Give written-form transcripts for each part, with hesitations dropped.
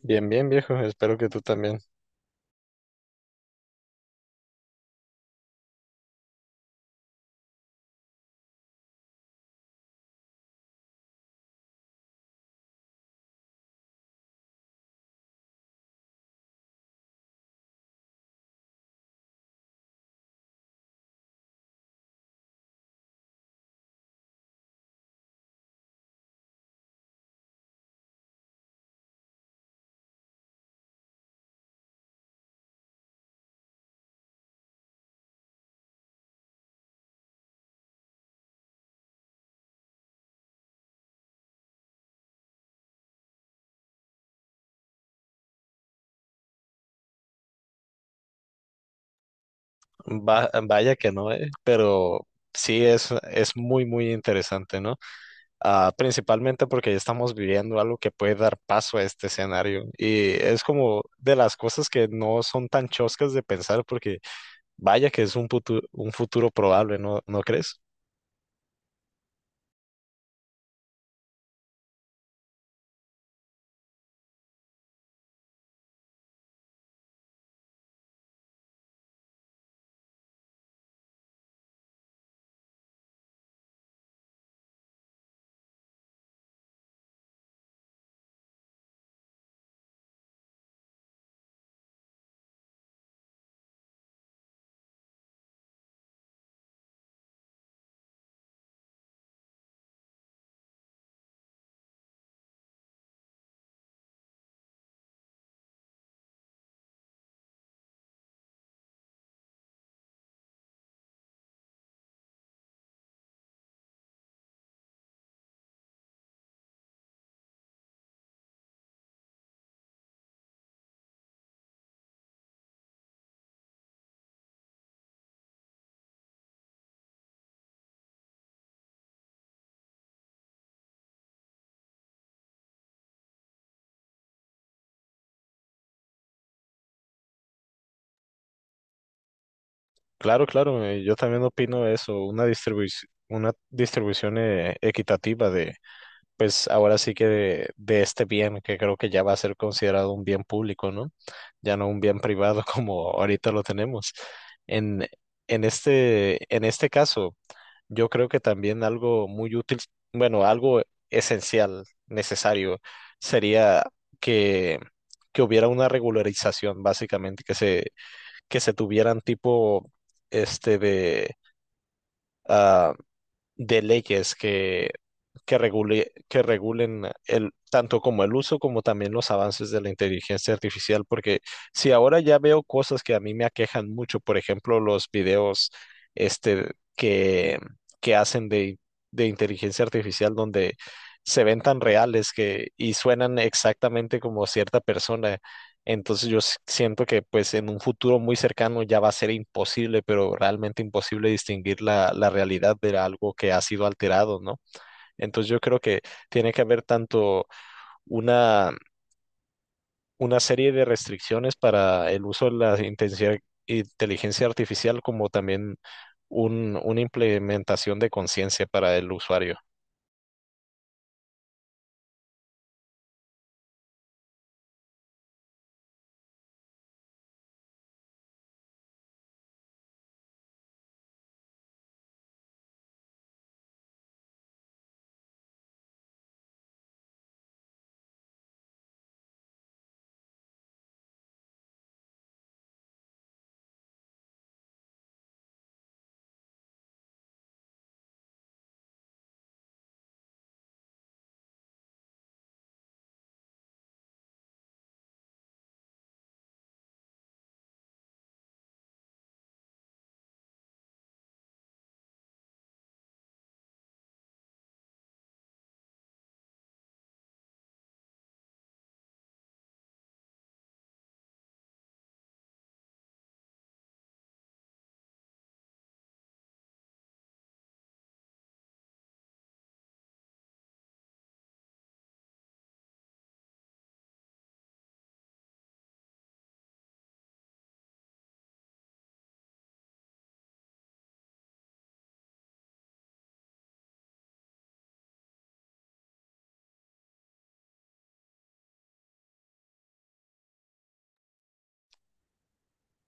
Bien, bien, viejo. Espero que tú también. Vaya que no, pero sí es muy, muy interesante, ¿no? Principalmente porque ya estamos viviendo algo que puede dar paso a este escenario. Y es como de las cosas que no son tan choscas de pensar, porque vaya que es un futuro probable, ¿no? ¿No crees? Claro, claro. Yo también opino eso. Una distribución equitativa de, pues ahora sí que de este bien, que creo que ya va a ser considerado un bien público, ¿no? Ya no un bien privado como ahorita lo tenemos. En, en este caso, yo creo que también algo muy útil, bueno, algo esencial, necesario, sería que, que hubiera una regularización, básicamente, que se tuvieran tipo este de ah, de leyes que, regule, que regulen el, tanto como el uso como también los avances de la inteligencia artificial, porque si ahora ya veo cosas que a mí me aquejan mucho, por ejemplo, los videos este, que, que hacen de inteligencia artificial donde se ven tan reales que, y suenan exactamente como cierta persona. Entonces yo siento que pues en un futuro muy cercano ya va a ser imposible, pero realmente imposible distinguir la realidad de algo que ha sido alterado, ¿no? Entonces yo creo que tiene que haber tanto una, una serie de restricciones para el uso de la inteligencia artificial como también una implementación de conciencia para el usuario.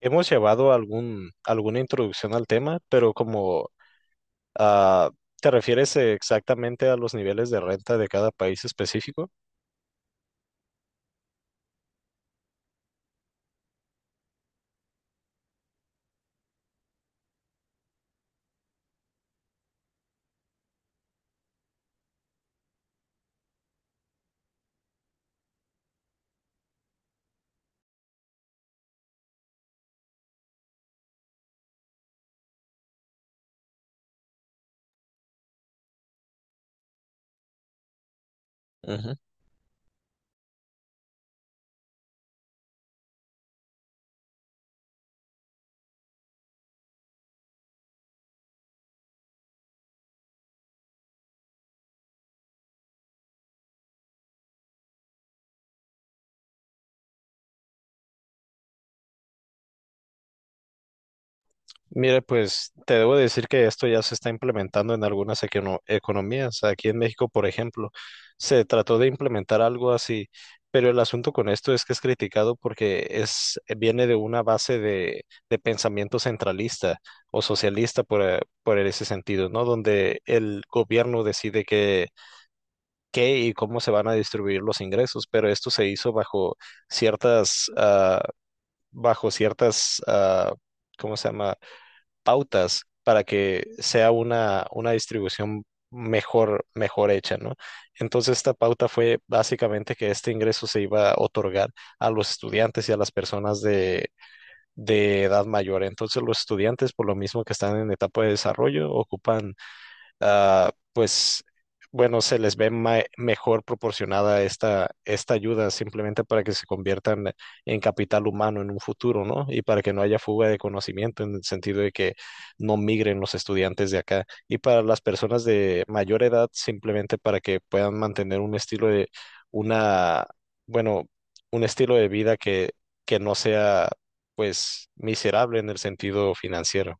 Hemos llevado algún, alguna introducción al tema, pero como Ah, ¿te refieres exactamente a los niveles de renta de cada país específico? Ujú. Mire, pues te debo decir que esto ya se está implementando en algunas economías. Aquí en México, por ejemplo, se trató de implementar algo así, pero el asunto con esto es que es criticado porque es, viene de una base de pensamiento centralista o socialista por ese sentido, ¿no? Donde el gobierno decide qué y cómo se van a distribuir los ingresos, pero esto se hizo bajo ciertas, ah, bajo ciertas, ¿cómo se llama? Pautas para que sea una distribución mejor, mejor hecha, ¿no? Entonces esta pauta fue básicamente que este ingreso se iba a otorgar a los estudiantes y a las personas de edad mayor. Entonces los estudiantes, por lo mismo que están en etapa de desarrollo, ocupan pues bueno, se les ve mejor proporcionada esta, esta ayuda simplemente para que se conviertan en capital humano en un futuro, ¿no? Y para que no haya fuga de conocimiento en el sentido de que no migren los estudiantes de acá. Y para las personas de mayor edad, simplemente para que puedan mantener un estilo de una, bueno, un estilo de vida que no sea, pues, miserable en el sentido financiero.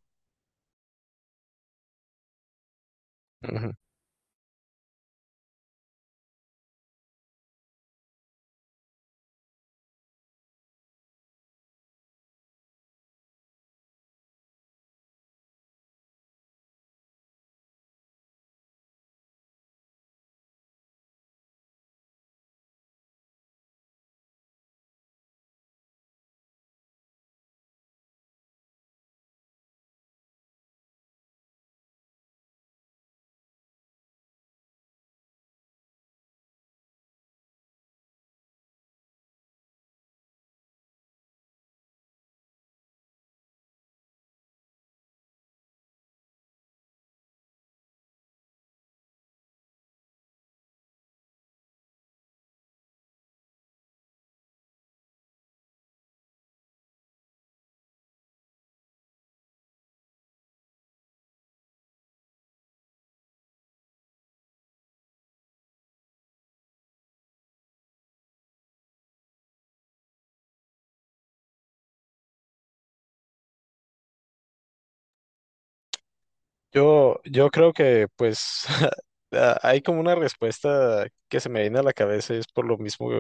Yo creo que pues a- hay como una respuesta que se me viene a la cabeza y es por lo mismo,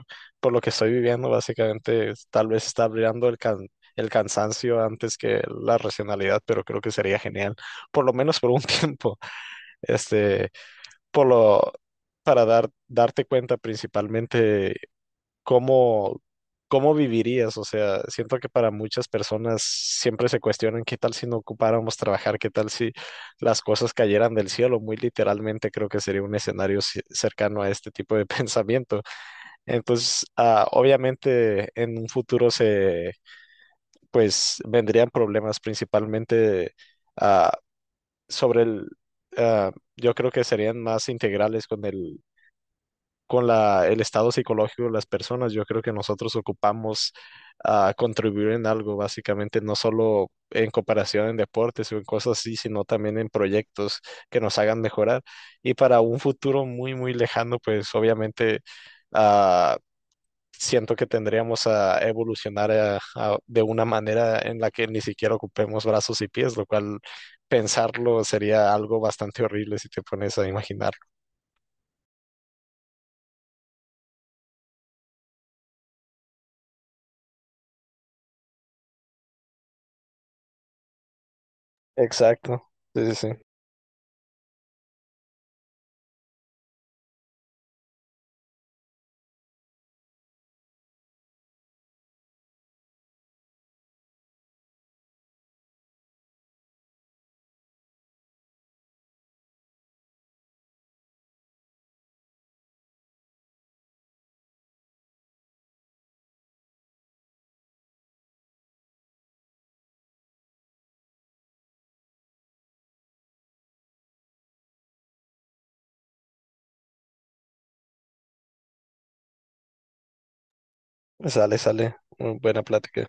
por lo que estoy viviendo, básicamente, tal vez está brillando el el cansancio antes que la racionalidad, pero creo que sería genial, por lo menos por un tiempo, este, por lo, para dar, darte cuenta principalmente ¿cómo, cómo vivirías? O sea, siento que para muchas personas siempre se cuestionan qué tal si no ocupáramos trabajar, qué tal si las cosas cayeran del cielo. Muy literalmente creo que sería un escenario cercano a este tipo de pensamiento. Entonces, obviamente en un futuro pues, vendrían problemas principalmente ah, sobre el... ah, yo creo que serían más integrales con el con la, el estado psicológico de las personas. Yo creo que nosotros ocupamos contribuir en algo, básicamente, no solo en cooperación en deportes o en cosas así, sino también en proyectos que nos hagan mejorar. Y para un futuro muy, muy lejano, pues obviamente ah, siento que tendríamos a evolucionar de una manera en la que ni siquiera ocupemos brazos y pies, lo cual pensarlo sería algo bastante horrible si te pones a imaginarlo. Exacto. Sí, sí, sí. Sale, sale. Mm, buena plática.